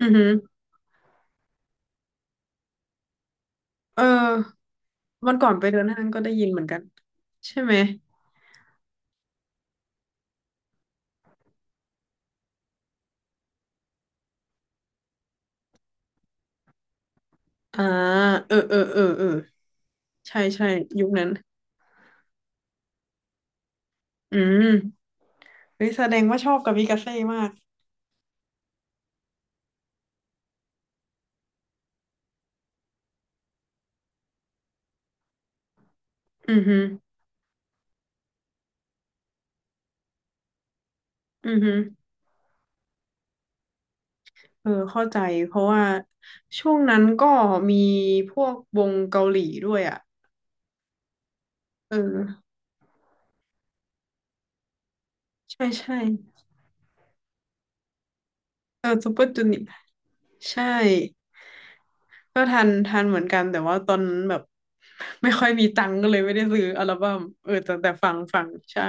อือหือเออวันก่อนไปเดินห้างก็ได้ยินเหมือนกันใช่ไหมอ่าเออเออเออ เออ ใช่ใช่ยุคนั้นอืมเฮ้ยแสดงว่าชอบกามิกาเซ่มาก อือฮึอือฮึเออเข้าใจเพราะว่าช่วงนั้นก็มีพวกวงเกาหลีด้วยอ่ะเออ ใช่ใช่เออซูเปอร์จูเนียร์ใช่ก็ทันเหมือนกันแต่ว่าตอนนั้นแบบ ไม่ค่อยมีตังค์ก็เลยไม่ได้ซื้ออัลบั้มเออแต่ฟังใช่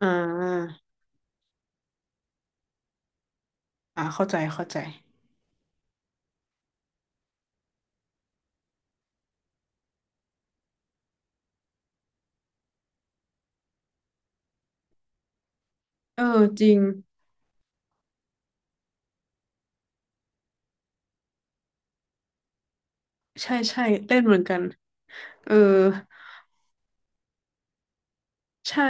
อ่า อ่าเข้าใจเข้าใจเออจริงใช่ใช่เล่นเหมือนกันเออใช่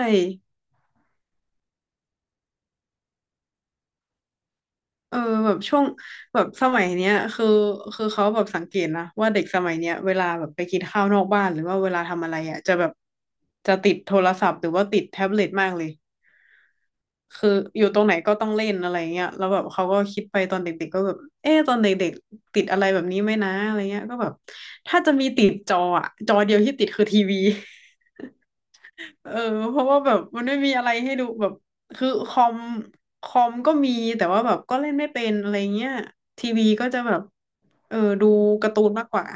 เออแบบช่วงแบบสมัยเนี้ยคือเขาแบบสังเกตนะว่าเด็กสมัยเนี้ยเวลาแบบไปกินข้าวนอกบ้านหรือว่าเวลาทำอะไรอ่ะจะแบบจะติดโทรศัพท์หรือว่าติดแท็บเล็ตมากเลยคืออยู่ตรงไหนก็ต้องเล่นอะไรเงี้ยแล้วแบบเขาก็คิดไปตอนเด็กๆก็แบบเอ๊ะตอนเด็กๆติดอะไรแบบนี้ไหมนะอะไรเงี้ยก็แบบถ้าจะมีติดจออ่ะจอเดียวที่ติดคือทีวี เออเพราะว่าแบบมันไม่มีอะไรให้ดูแบบคือคอมก็มีแต่ว่าแบบก็เล่นไม่เป็นอะไรเงี้ยทีวีก็จะแบบเออดูการ์ตูนมากกว่า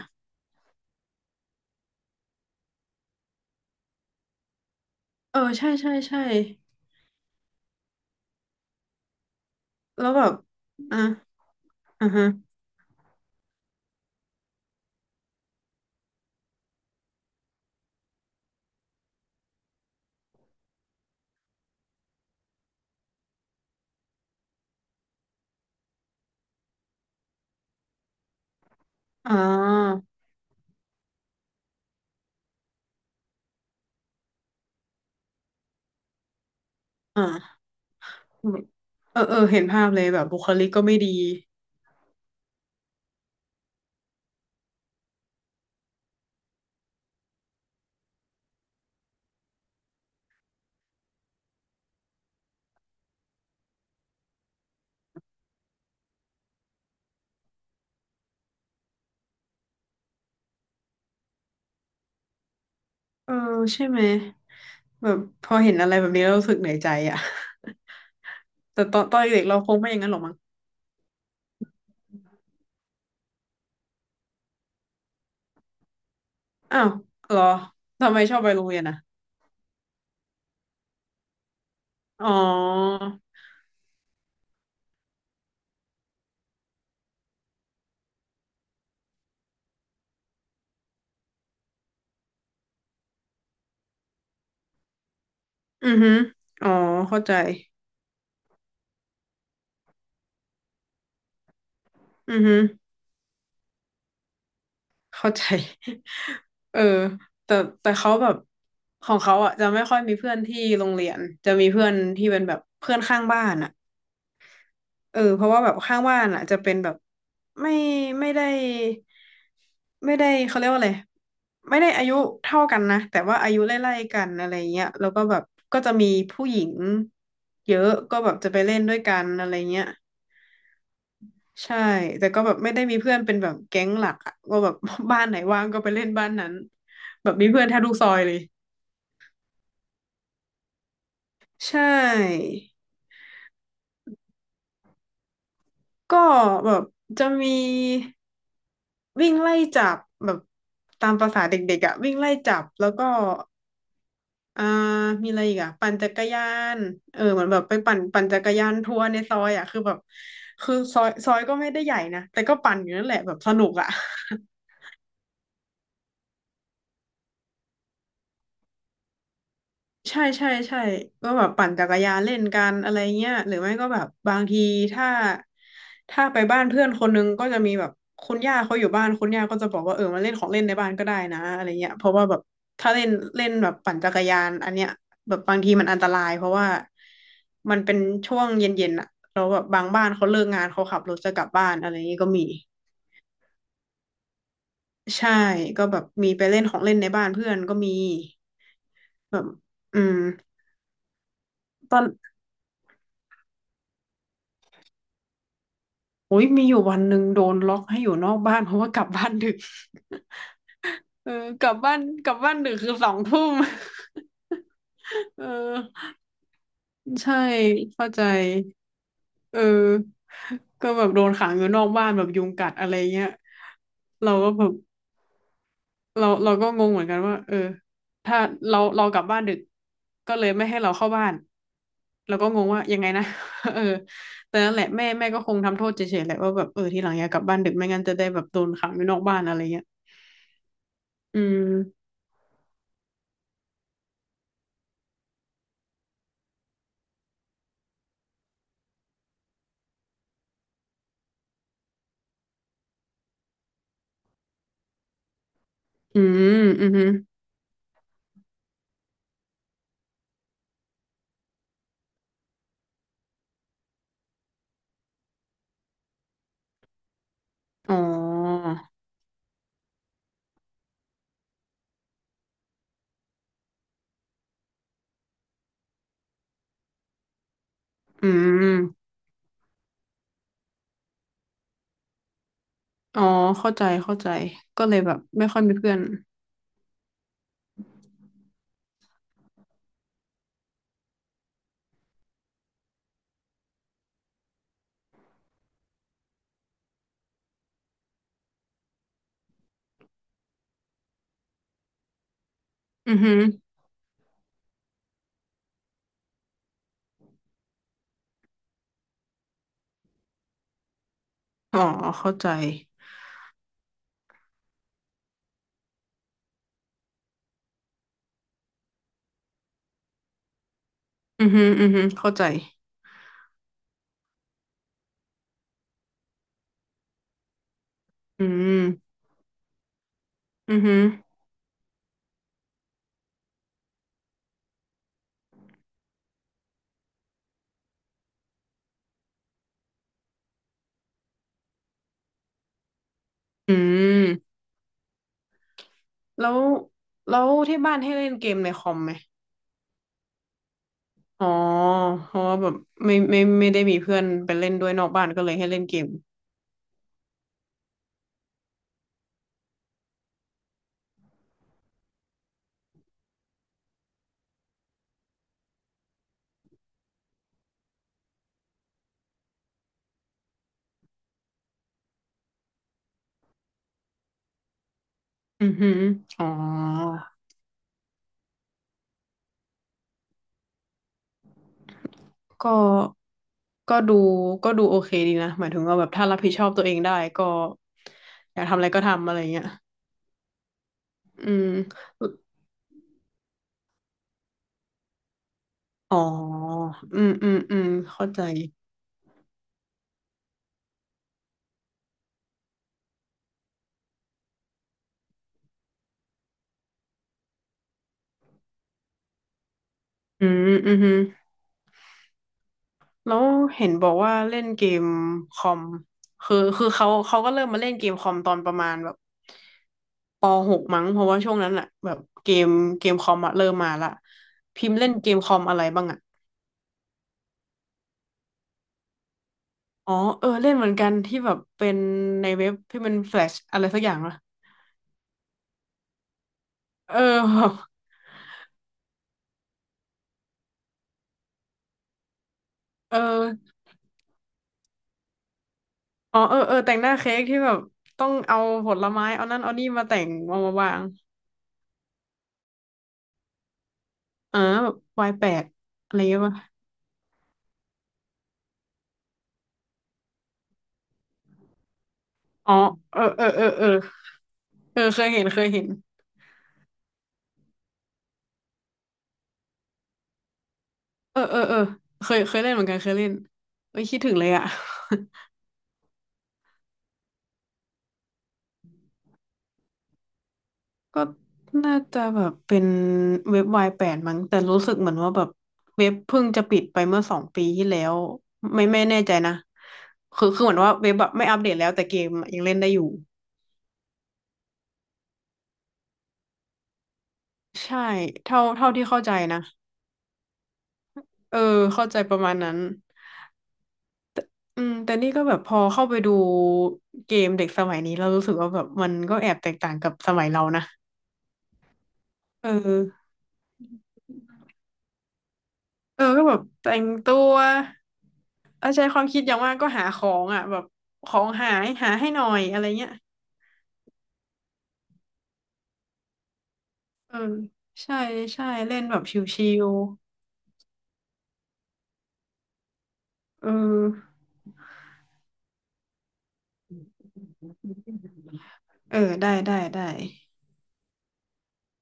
เออใช่ใช่ใช่แล้วแบบอ่ะอ่าฮะอ่าอ่าเออเออเห็นภาพเลยแบบบุคลิกก็ไม่ดีเออใช่ไหมแบบพอเห็นอะไรแบบนี้แล้วรู้สึกเหนื่อยใจอ่ะ แต่ตอนเด็กๆเราคงไม่อย่างนั้นหรอกมั้งอ้าวเหรอทำไมชอบไปโรงเรียนอ่ะอ๋อ อือฮึอ๋อเข้าใจอือฮึเข้าใจ เออแต่แต่เขาแบบของเขาอ่ะจะไม่ค่อยมีเพื่อนที่โรงเรียนจะมีเพื่อนที่เป็นแบบเพื่อนข้างบ้านอ่ะเออเพราะว่าแบบข้างบ้านอ่ะจะเป็นแบบไม่ไม่ได้ไม่ได้เขาเรียกว่าอะไรไม่ได้อายุเท่ากันนะแต่ว่าอายุไล่ๆกันอะไรเงี้ยแล้วก็แบบก็จะมีผู้หญิงเยอะก็แบบจะไปเล่นด้วยกันอะไรเงี้ย ใช่แต่ก็แบบไม่ได้มีเพื่อนเป็นแบบแก๊งหลักอะว่าแบบ บ้านไหนว่างก็ไปเล่นบ้านนั้นแบบมีเพื่อนแทบทุกซอยเลยใช่ก็แบบจะมีวิ่งไล่จับแบบตามประสาเด็กๆอ่ะวิ่งไล่จับแล้วก็อ่ามีอะไรอีกอ่ะปั่นจักรยานเออเหมือนแบบไปปั่นจักรยานทัวร์ในซอยอะคือแบบคือซอยก็ไม่ได้ใหญ่นะแต่ก็ปั่นอยู่นั่นแหละแบบสนุกอะ ใช่ใช่ใช่ก็แบบปั่นจักรยานเล่นกันอะไรเงี้ยหรือไม่ก็แบบบางทีถ้าถ้าไปบ้านเพื่อนคนนึงก็จะมีแบบคุณย่าเขาอยู่บ้านคุณย่าก็จะบอกว่าเออมาเล่นของเล่นในบ้านก็ได้นะอะไรเงี้ยเพราะว่าแบบถ้าเล่นเล่นแบบปั่นจักรยานอันเนี้ยแบบบางทีมันอันตรายเพราะว่ามันเป็นช่วงเย็นๆอะเราแล้วแบบบางบ้านเขาเลิกงานเขาขับรถจะกลับบ้านอะไรเงี้ยก็มีใช่ก็แบบมีไปเล่นของเล่นในบ้านเพื่อนก็มีแบบอืมตอน โอ้ยมีอยู่วันหนึ่งโดนล็อกให้อยู่นอกบ้านเพราะว่ากลับบ้านดึก เออกลับบ้านดึกคือ2 ทุ่ม เออใช่เข้าใจเออก็แบบโดนขังอยู่นอกบ้านแบบยุงกัดอะไรเงี้ยเราก็แบบ เราก็งงเหมือนกันว่าเออถ้าเรากลับบ้านดึกก็เลยไม่ให้เราเข้าบ้านเราก็งงว่ายังไงนะ เออแต่นั่นแหละแม่ก็คงทำโทษเฉยๆแหละว่าแบบเออทีหลังอย่ากลับบ้านดึกไม่งั้นจะได้แบบโดนขังอยู่นอกบ้านอะไรเงี้ยอืมอืมอืมอหืออ๋ออืมอ๋อเข้าใจเข้าใจก็เลยแบบไม่ค่อยมีเพื่อนอือหืออ๋อเข้าใจอือหืออือหือเข้าใจอืมอือหืออืม แล้วแล้วที่บ้านให้เล่นเกมในคอมไหมอ๋อเพราะว่าแบบไม่ไม่ไม่ได้มีเพื่อนไปเล่นด้วยนอกบ้านก็เลยให้เล่นเกมอือหืออ๋อก็ก็ดูก็ดูโอเคดีนะหมายถึงว่าแบบถ้ารับผิดชอบตัวเองได้ก็อยากทำอะไรก็ทำอะไรเงี้ยอืมอ๋ออืมอืมอืมเข้าใจอืมอืมฮึแล้วเห็นบอกว่าเล่นเกมคอมคือคือเขาก็เริ่มมาเล่นเกมคอมตอนประมาณแบบ ป.6มั้งเพราะว่าช่วงนั้นอะแบบเกมเกมคอมอะเริ่มมาละพิมพ์เล่นเกมคอมอะไรบ้างอะอ๋อเออเล่นเหมือนกันที่แบบเป็นในเว็บที่มันแฟลชอะไรสักอย่างอะเออแบบเอออ๋อเออเออแต่งหน้าเค้กที่แบบต้องเอาผลไม้เอานั่นเอานี่มาแต่งมามาวางเออแบบวายแปดอะไรเงี้ยป่ะอ๋อเออเออเออเออเออเคยเห็นเคยเห็นเออเออเออเคยเล่นเหมือนกันเคยเล่นเอ้ยคิดถึงเลยอะ ก็น่าจะแบบเป็นเว็บวายแปดมั้งแต่รู้สึกเหมือนว่าแบบเว็บเพิ่งจะปิดไปเมื่อ2 ปีที่แล้วไม่ไม่แน่ใจนะคือเหมือนว่าเว็บแบบไม่อัปเดตแล้วแต่เกมอยังเล่นได้อยู่ใช่เท่าที่เข้าใจนะเออเข้าใจประมาณนั้นอืมแต่นี่ก็แบบพอเข้าไปดูเกมเด็กสมัยนี้เรารู้สึกว่าแบบมันก็แอบแตกต่างกับสมัยเรานะเออ เออก็แบบแต่งตัวเอาใช้ความคิดอย่างมากก็หาของอ่ะแบบของหายหาให้หน่อยอะไรเงี้ย เออใช่ใช่เล่นแบบชิวๆเออเออได้ได้ได้